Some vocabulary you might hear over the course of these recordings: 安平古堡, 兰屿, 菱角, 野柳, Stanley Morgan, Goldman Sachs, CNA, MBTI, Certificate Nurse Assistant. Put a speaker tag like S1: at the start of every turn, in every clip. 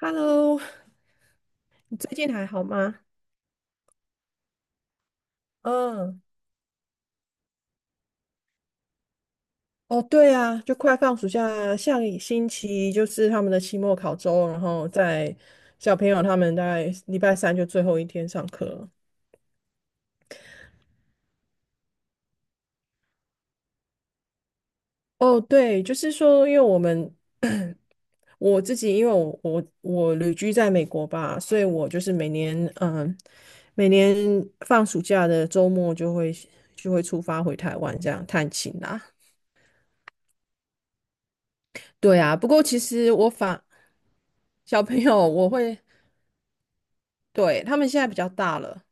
S1: Hello，你最近还好吗？嗯，哦，对啊，就快放暑假，下个星期就是他们的期末考周，然后在小朋友他们大概礼拜三就最后一天上课了哦，对，就是说，因为我们 我自己，因为我旅居在美国吧，所以我就是每年放暑假的周末就会出发回台湾这样探亲啦。对啊，不过其实小朋友我会。对，他们现在比较大了。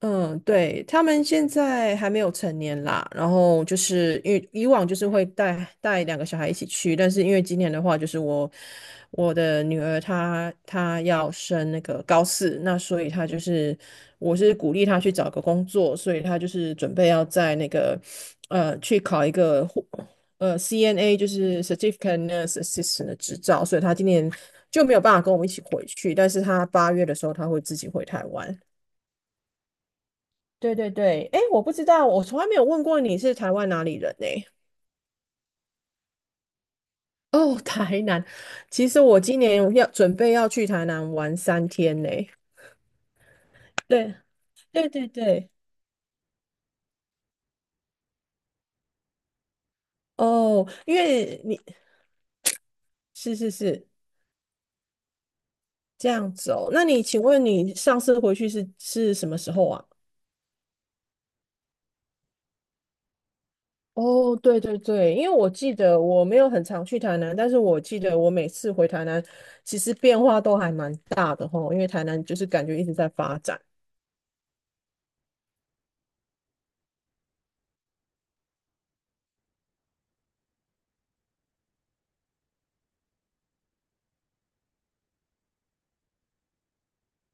S1: 嗯，对，他们现在还没有成年啦，然后就是因为以往就是会带两个小孩一起去，但是因为今年的话，就是我的女儿她要升那个高四，那所以她就是我是鼓励她去找个工作，所以她就是准备要在那个去考一个CNA 就是 Certificate Nurse Assistant 的执照，所以她今年就没有办法跟我们一起回去，但是她8月的时候她会自己回台湾。对对对，哎，我不知道，我从来没有问过你是台湾哪里人呢、哦，台南。其实我今年要准备要去台南玩3天呢、对对对对，哦，因为你是是是这样子哦。那你请问你上次回去是什么时候啊？哦，对对对，因为我记得我没有很常去台南，但是我记得我每次回台南，其实变化都还蛮大的吼，因为台南就是感觉一直在发展。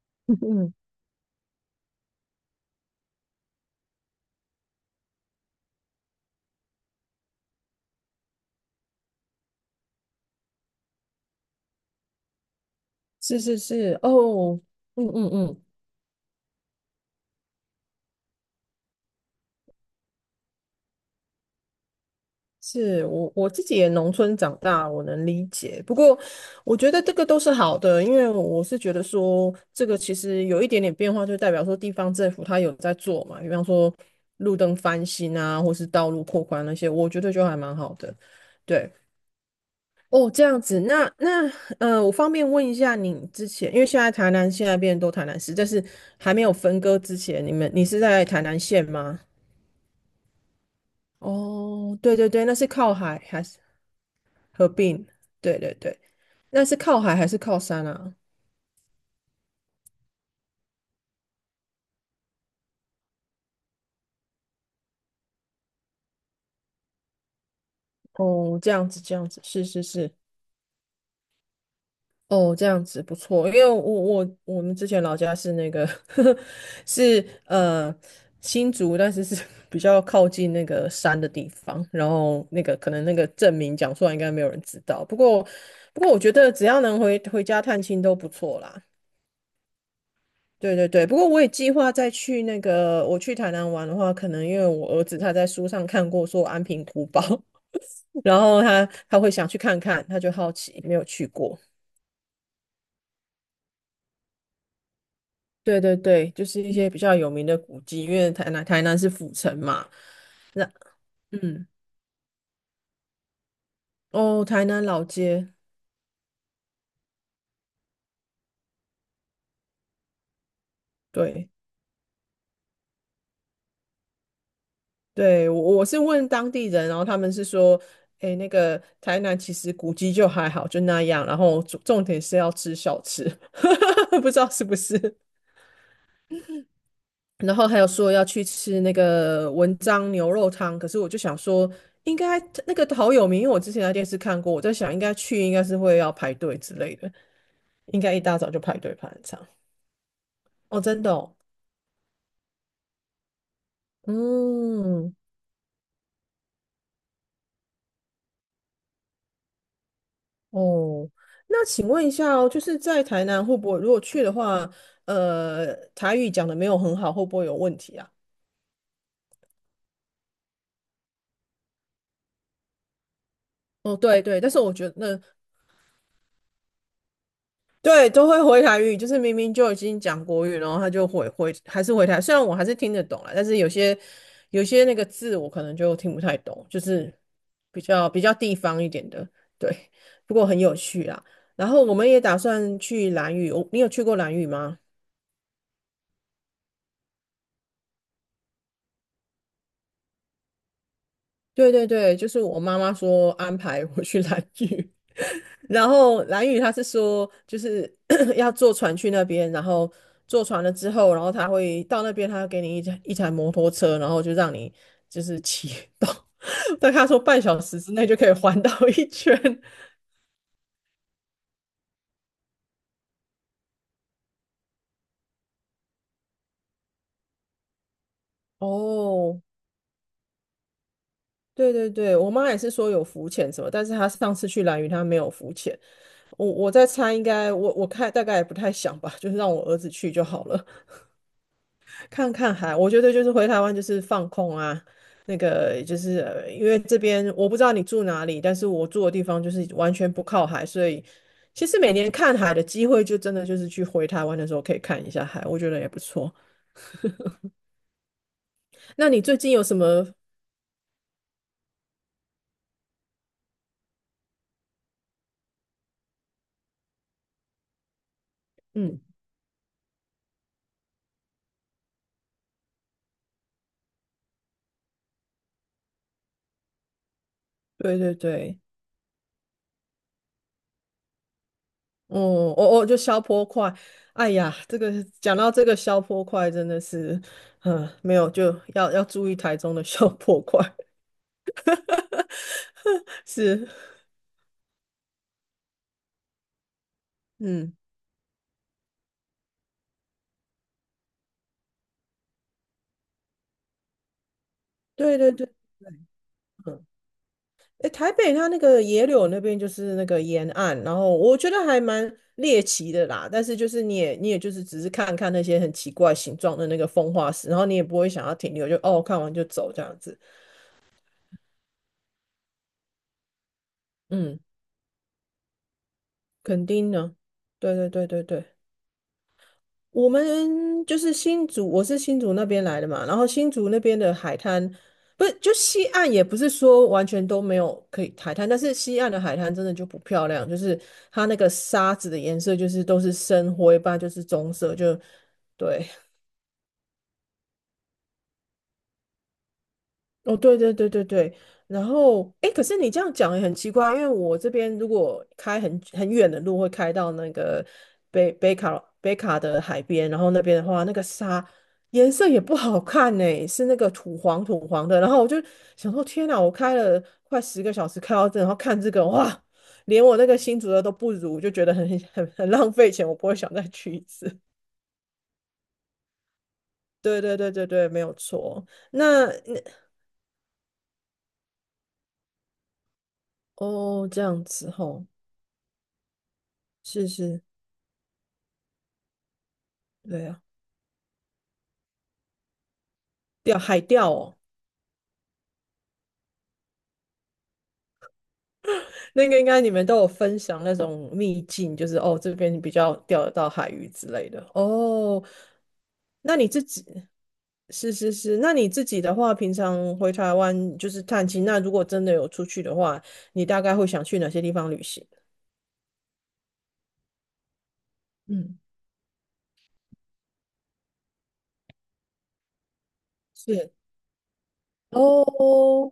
S1: 嗯是是是，哦，嗯嗯嗯，是我我自己也农村长大，我能理解。不过我觉得这个都是好的，因为我是觉得说，这个其实有一点点变化，就代表说地方政府它有在做嘛，比方说路灯翻新啊，或是道路扩宽那些，我觉得就还蛮好的。对，哦，这样子，那那，我方便问一下你之前，因为现在台南现在变成都台南市，但是还没有分割之前，你是在台南县吗？哦，对对对，那是靠海还是合并？对对对，那是靠海还是靠山啊？哦，这样子这样子，是是是，哦，这样子不错，因为我我们之前老家是那个 是新竹，但是是 比较靠近那个山的地方，然后那个可能那个证明讲出来应该没有人知道，不过不过我觉得只要能回家探亲都不错啦。对对对，不过我也计划再去那个，我去台南玩的话，可能因为我儿子他在书上看过说安平古堡，然后他会想去看看，他就好奇，没有去过。对对对，就是一些比较有名的古迹，因为台南是府城嘛。那嗯，哦，台南老街，对对，我我是问当地人，然后他们是说，诶，那个台南其实古迹就还好，就那样，然后重点是要吃小吃，不知道是不是？然后还有说要去吃那个文章牛肉汤，可是我就想说，应该那个好有名，因为我之前在电视看过，我在想应该去应该是会要排队之类的，应该一大早就排队排很长。哦，真的哦，嗯，哦，那请问一下哦，就是在台南会不会如果去的话，台语讲的没有很好，会不会有问题啊？哦，对对，但是我觉得对，都会回台语，就是明明就已经讲国语，然后他就回还是回台，虽然我还是听得懂啦，但是有些有些那个字我可能就听不太懂，就是比较地方一点的，对，不过很有趣啦。然后我们也打算去兰屿，我你有去过兰屿吗？对对对，就是我妈妈说安排我去兰屿，然后蓝宇他是说，就是 要坐船去那边，然后坐船了之后，然后他会到那边，他会给你一台一台摩托车，然后就让你就是骑 到，但他说半小时之内就可以环岛一圈。哦，对对对，我妈也是说有浮潜什么，但是她上次去蓝屿她没有浮潜，我在猜应该我看大概也不太想吧，就是让我儿子去就好了。看看海，我觉得就是回台湾就是放空啊，那个就是因为这边我不知道你住哪里，但是我住的地方就是完全不靠海，所以其实每年看海的机会就真的就是去回台湾的时候可以看一下海，我觉得也不错。那你最近有什么？嗯，对对对，哦哦哦，就消坡块，哎呀，这个讲到这个消坡块真的是，嗯，没有就要注意台中的消坡块，是，嗯，对对对。对嗯诶，台北它那个野柳那边就是那个沿岸，然后我觉得还蛮猎奇的啦。但是就是你也就是只是看看那些很奇怪形状的那个风化石，然后你也不会想要停留，就哦看完就走这样子。嗯，肯定呢？对对对对对。我们就是新竹，我是新竹那边来的嘛，然后新竹那边的海滩，不是就西岸也不是说完全都没有可以海滩，但是西岸的海滩真的就不漂亮，就是它那个沙子的颜色就是都是深灰吧，不然就是棕色，就对。哦，对对对对对，然后哎，可是你这样讲也很奇怪，因为我这边如果开很远的路，会开到那个北卡的海边，然后那边的话，那个沙颜色也不好看呢，是那个土黄土黄的。然后我就想说，天哪，我开了快10个小时开到这，然后看这个，哇，连我那个新竹的都不如，就觉得很 很浪费钱，我不会想再去一次。对对对对对，没有错。那那哦，这样子吼，是是。对啊，钓海钓哦，那个应该你们都有分享那种秘境，就是哦这边比较钓得到海鱼之类的哦。那你自己是是是，那你自己的话，平常回台湾就是探亲，那如果真的有出去的话，你大概会想去哪些地方旅行？嗯，是哦，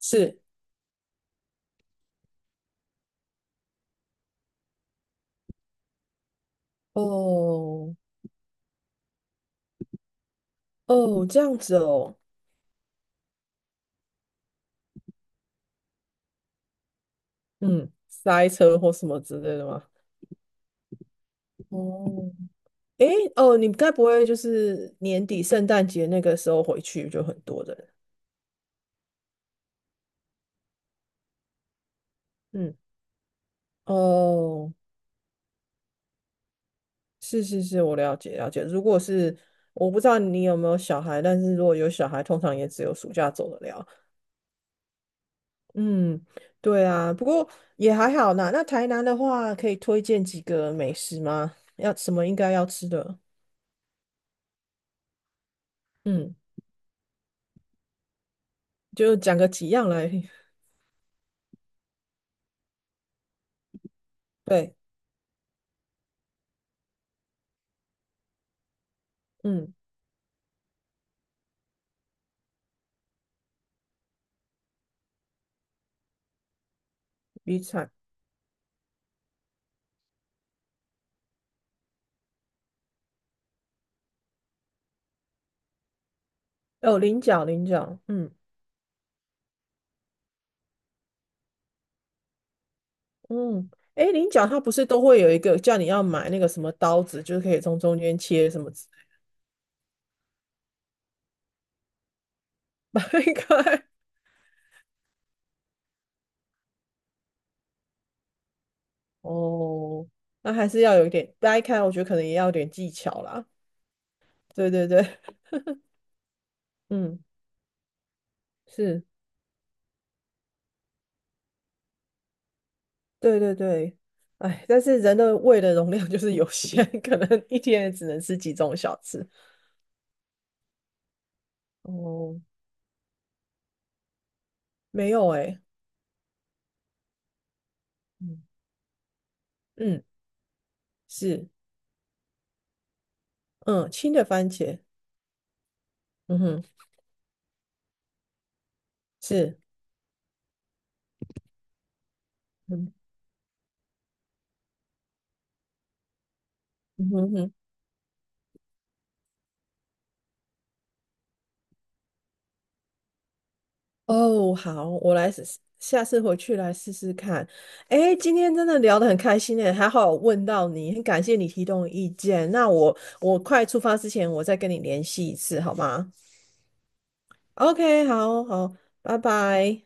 S1: 是哦哦这样子哦，嗯，塞车或什么之类的吗？哦，诶，哦，你该不会就是年底圣诞节那个时候回去就很多人？嗯，哦，是是是，我了解了解。如果是我不知道你有没有小孩，但是如果有小孩，通常也只有暑假走得了。嗯，对啊，不过也还好啦。那台南的话，可以推荐几个美食吗？要什么应该要吃的？嗯，就讲个几样来。对，嗯，鱼产哦，菱角，菱角，嗯。嗯，哎，菱角它不是都会有一个叫你要买那个什么刀子，就是可以从中间切什么之类的，掰开。哦，那还是要有一点掰开，我觉得可能也要有点技巧啦。对对对，嗯，是，对对对。哎，但是人的胃的容量就是有限，可能一天也只能吃几种小吃。哦，没有哎、嗯嗯，是，嗯，青的番茄，嗯哼，是，嗯嗯哼嗯哼哦，好，我来试试，下次回去来试试看。哎，今天真的聊得很开心诶，还好我问到你，很感谢你提供意见。那我我快出发之前，我再跟你联系一次，好吗？OK，好好，拜拜。